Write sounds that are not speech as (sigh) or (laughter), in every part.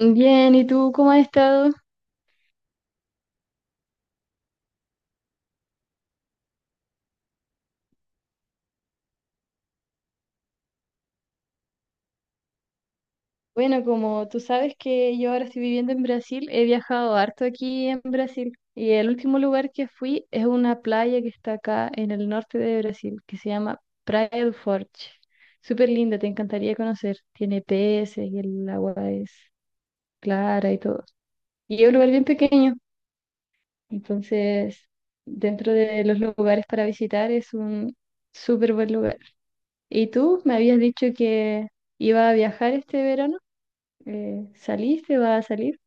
Bien, ¿y tú cómo has estado? Bueno, como tú sabes que yo ahora estoy viviendo en Brasil, he viajado harto aquí en Brasil y el último lugar que fui es una playa que está acá en el norte de Brasil, que se llama Praia do Forte. Súper linda, te encantaría conocer. Tiene peces y el agua es clara y todo. Y es un lugar bien pequeño, entonces dentro de los lugares para visitar es un súper buen lugar. ¿Y tú me habías dicho que iba a viajar este verano? ¿Saliste? ¿Va a salir?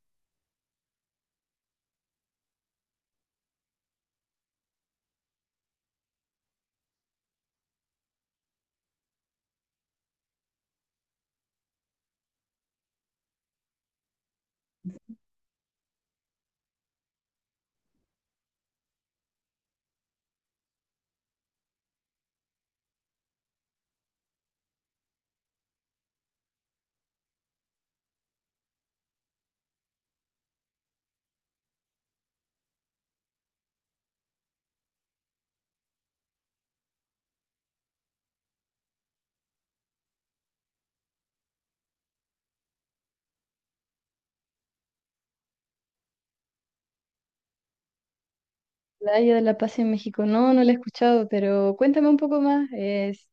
Playa de la Paz en México. No, no la he escuchado, pero cuéntame un poco más. ¿Es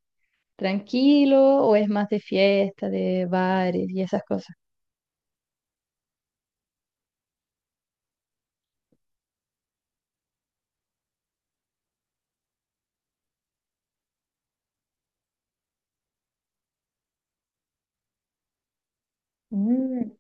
tranquilo o es más de fiesta, de bares y esas cosas? Mm.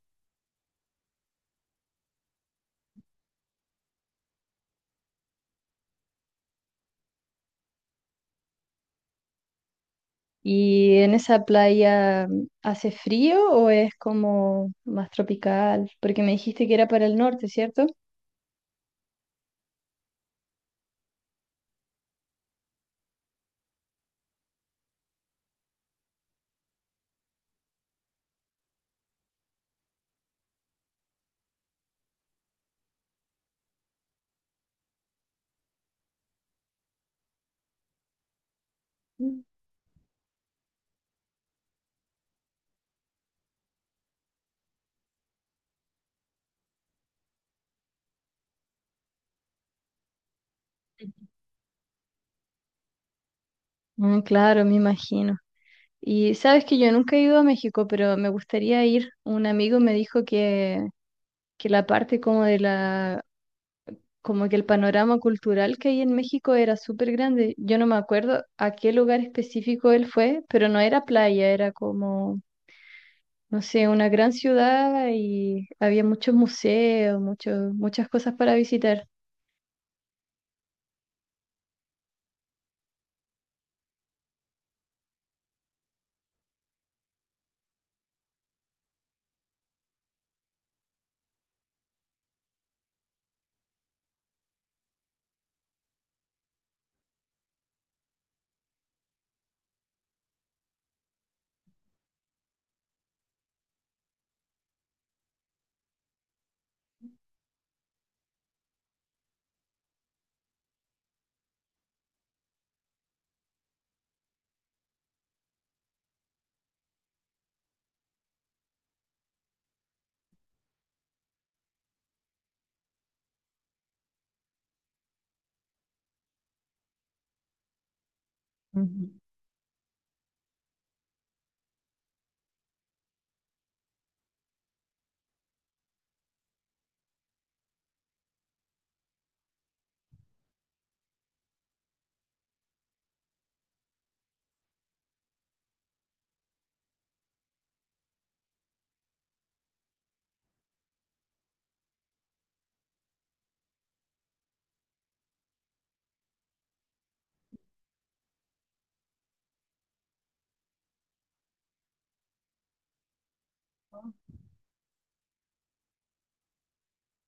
¿Y en esa playa hace frío o es como más tropical? Porque me dijiste que era para el norte, ¿cierto? Mm. Mm, claro, me imagino. Y sabes que yo nunca he ido a México, pero me gustaría ir. Un amigo me dijo que la parte como de la como que el panorama cultural que hay en México era súper grande. Yo no me acuerdo a qué lugar específico él fue, pero no era playa, era como, no sé, una gran ciudad y había muchos museos, muchos, muchas cosas para visitar. Ujú.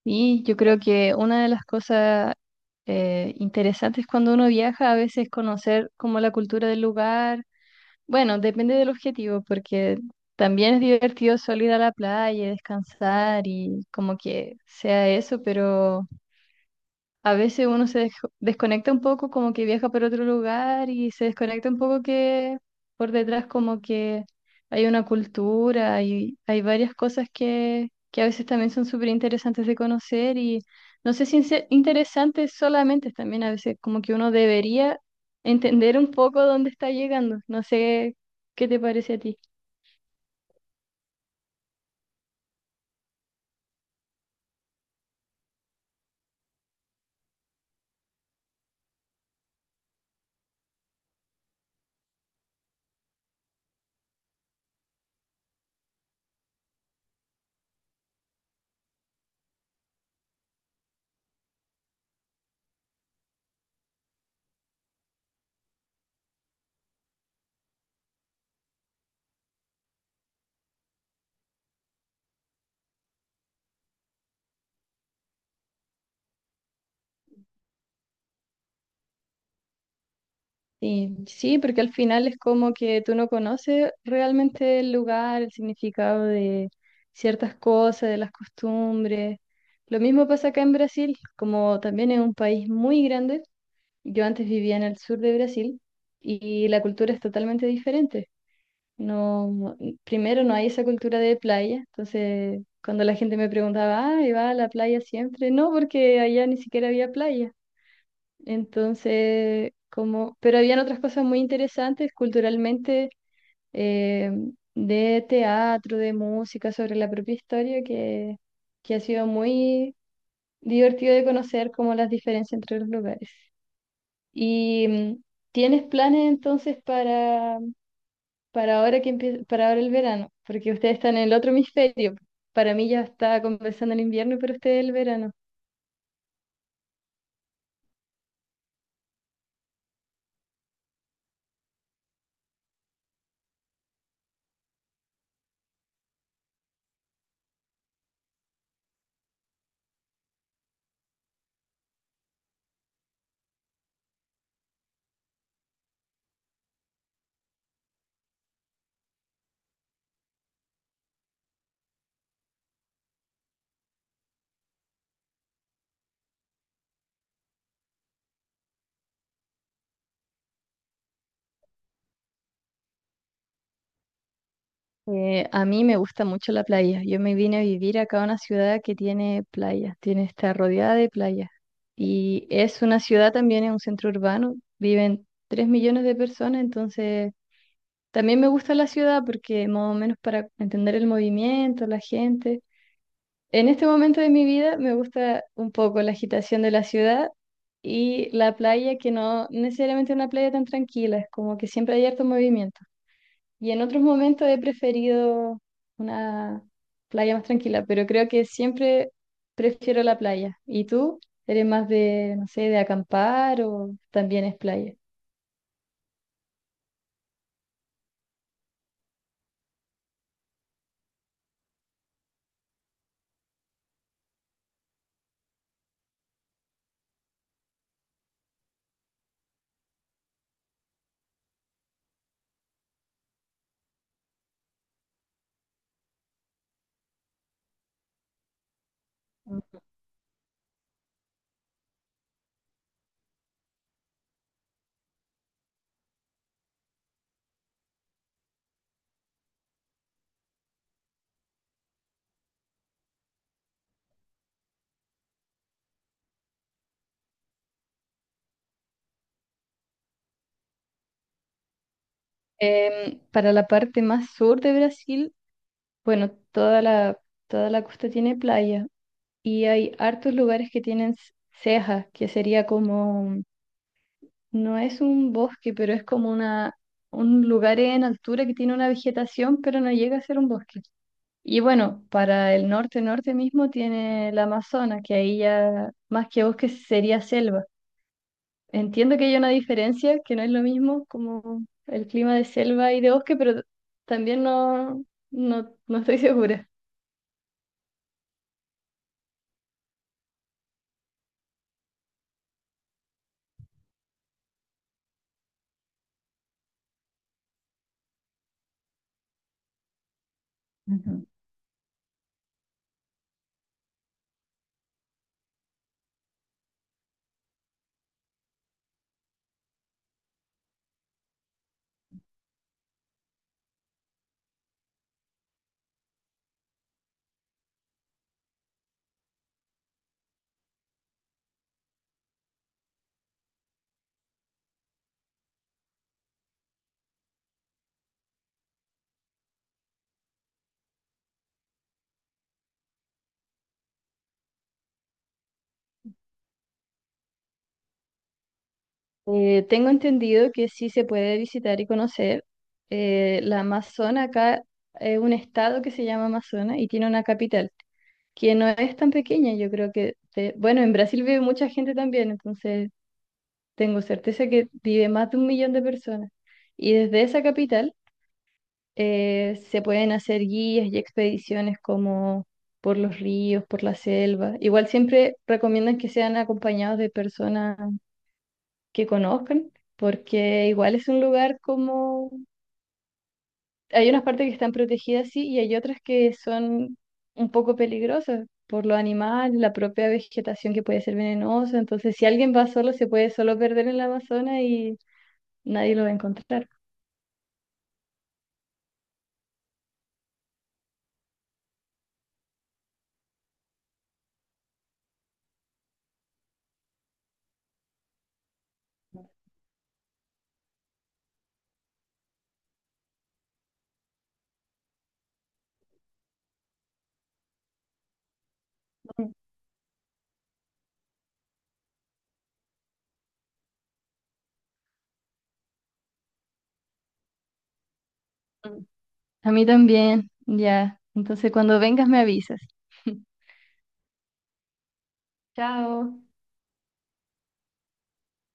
Y yo creo que una de las cosas interesantes cuando uno viaja a veces es conocer como la cultura del lugar. Bueno, depende del objetivo, porque también es divertido solo ir a la playa, descansar y como que sea eso, pero a veces uno desconecta un poco, como que viaja por otro lugar y se desconecta un poco, que por detrás como que hay una cultura y hay varias cosas que a veces también son súper interesantes de conocer, y no sé si en ser interesantes solamente, también a veces como que uno debería entender un poco dónde está llegando. No sé qué te parece a ti. Sí, sí, porque al final es como que tú no conoces realmente el lugar, el significado de ciertas cosas, de las costumbres. Lo mismo pasa acá en Brasil, como también es un país muy grande. Yo antes vivía en el sur de Brasil y la cultura es totalmente diferente. No, no, primero no hay esa cultura de playa, entonces cuando la gente me preguntaba, ah, ¿y va a la playa siempre? No, porque allá ni siquiera había playa. Entonces, como, pero habían otras cosas muy interesantes culturalmente, eh, de teatro, de música, sobre la propia historia, que ha sido muy divertido de conocer como las diferencias entre los lugares. ¿Y tienes planes entonces para ahora para ahora el verano? Porque ustedes están en el otro (laughs) hemisferio. Para mí ya está comenzando el invierno, pero ustedes el verano. A mí me gusta mucho la playa. Yo me vine a vivir acá a una ciudad que tiene playa, tiene, está rodeada de playas. Y es una ciudad también, es un centro urbano, viven 3 millones de personas, entonces también me gusta la ciudad porque más o menos para entender el movimiento, la gente. En este momento de mi vida me gusta un poco la agitación de la ciudad y la playa, que no necesariamente es una playa tan tranquila, es como que siempre hay harto movimiento. Y en otros momentos he preferido una playa más tranquila, pero creo que siempre prefiero la playa. ¿Y tú? ¿Eres más de, no sé, de acampar o también es playa? Para la parte más sur de Brasil, bueno, toda la costa tiene playa y hay hartos lugares que tienen cejas, que sería como, no es un bosque, pero es como una, un lugar en altura que tiene una vegetación, pero no llega a ser un bosque. Y bueno, para el norte, norte mismo tiene el Amazonas, que ahí ya más que bosque sería selva. Entiendo que hay una diferencia, que no es lo mismo como el clima de selva y de bosque, pero también no estoy (laughs) segura. Ujú. Tengo entendido que sí se puede visitar y conocer. La Amazonas acá es un estado que se llama Amazonas y tiene una capital que no es tan pequeña. Yo creo bueno, en Brasil vive mucha gente también, entonces tengo certeza que vive más de 1 millón de personas. Y desde esa capital se pueden hacer guías y expediciones como por los ríos, por la selva. Igual siempre recomiendan que sean acompañados de personas que conozcan, porque igual es un lugar como... Hay unas partes que están protegidas, sí, y hay otras que son un poco peligrosas por los animales, la propia vegetación que puede ser venenosa. Entonces, si alguien va solo, se puede solo perder en la Amazonas y nadie lo va a encontrar. Ujú. A mí también, ya. Entonces, cuando vengas me avisas. (laughs) Chao.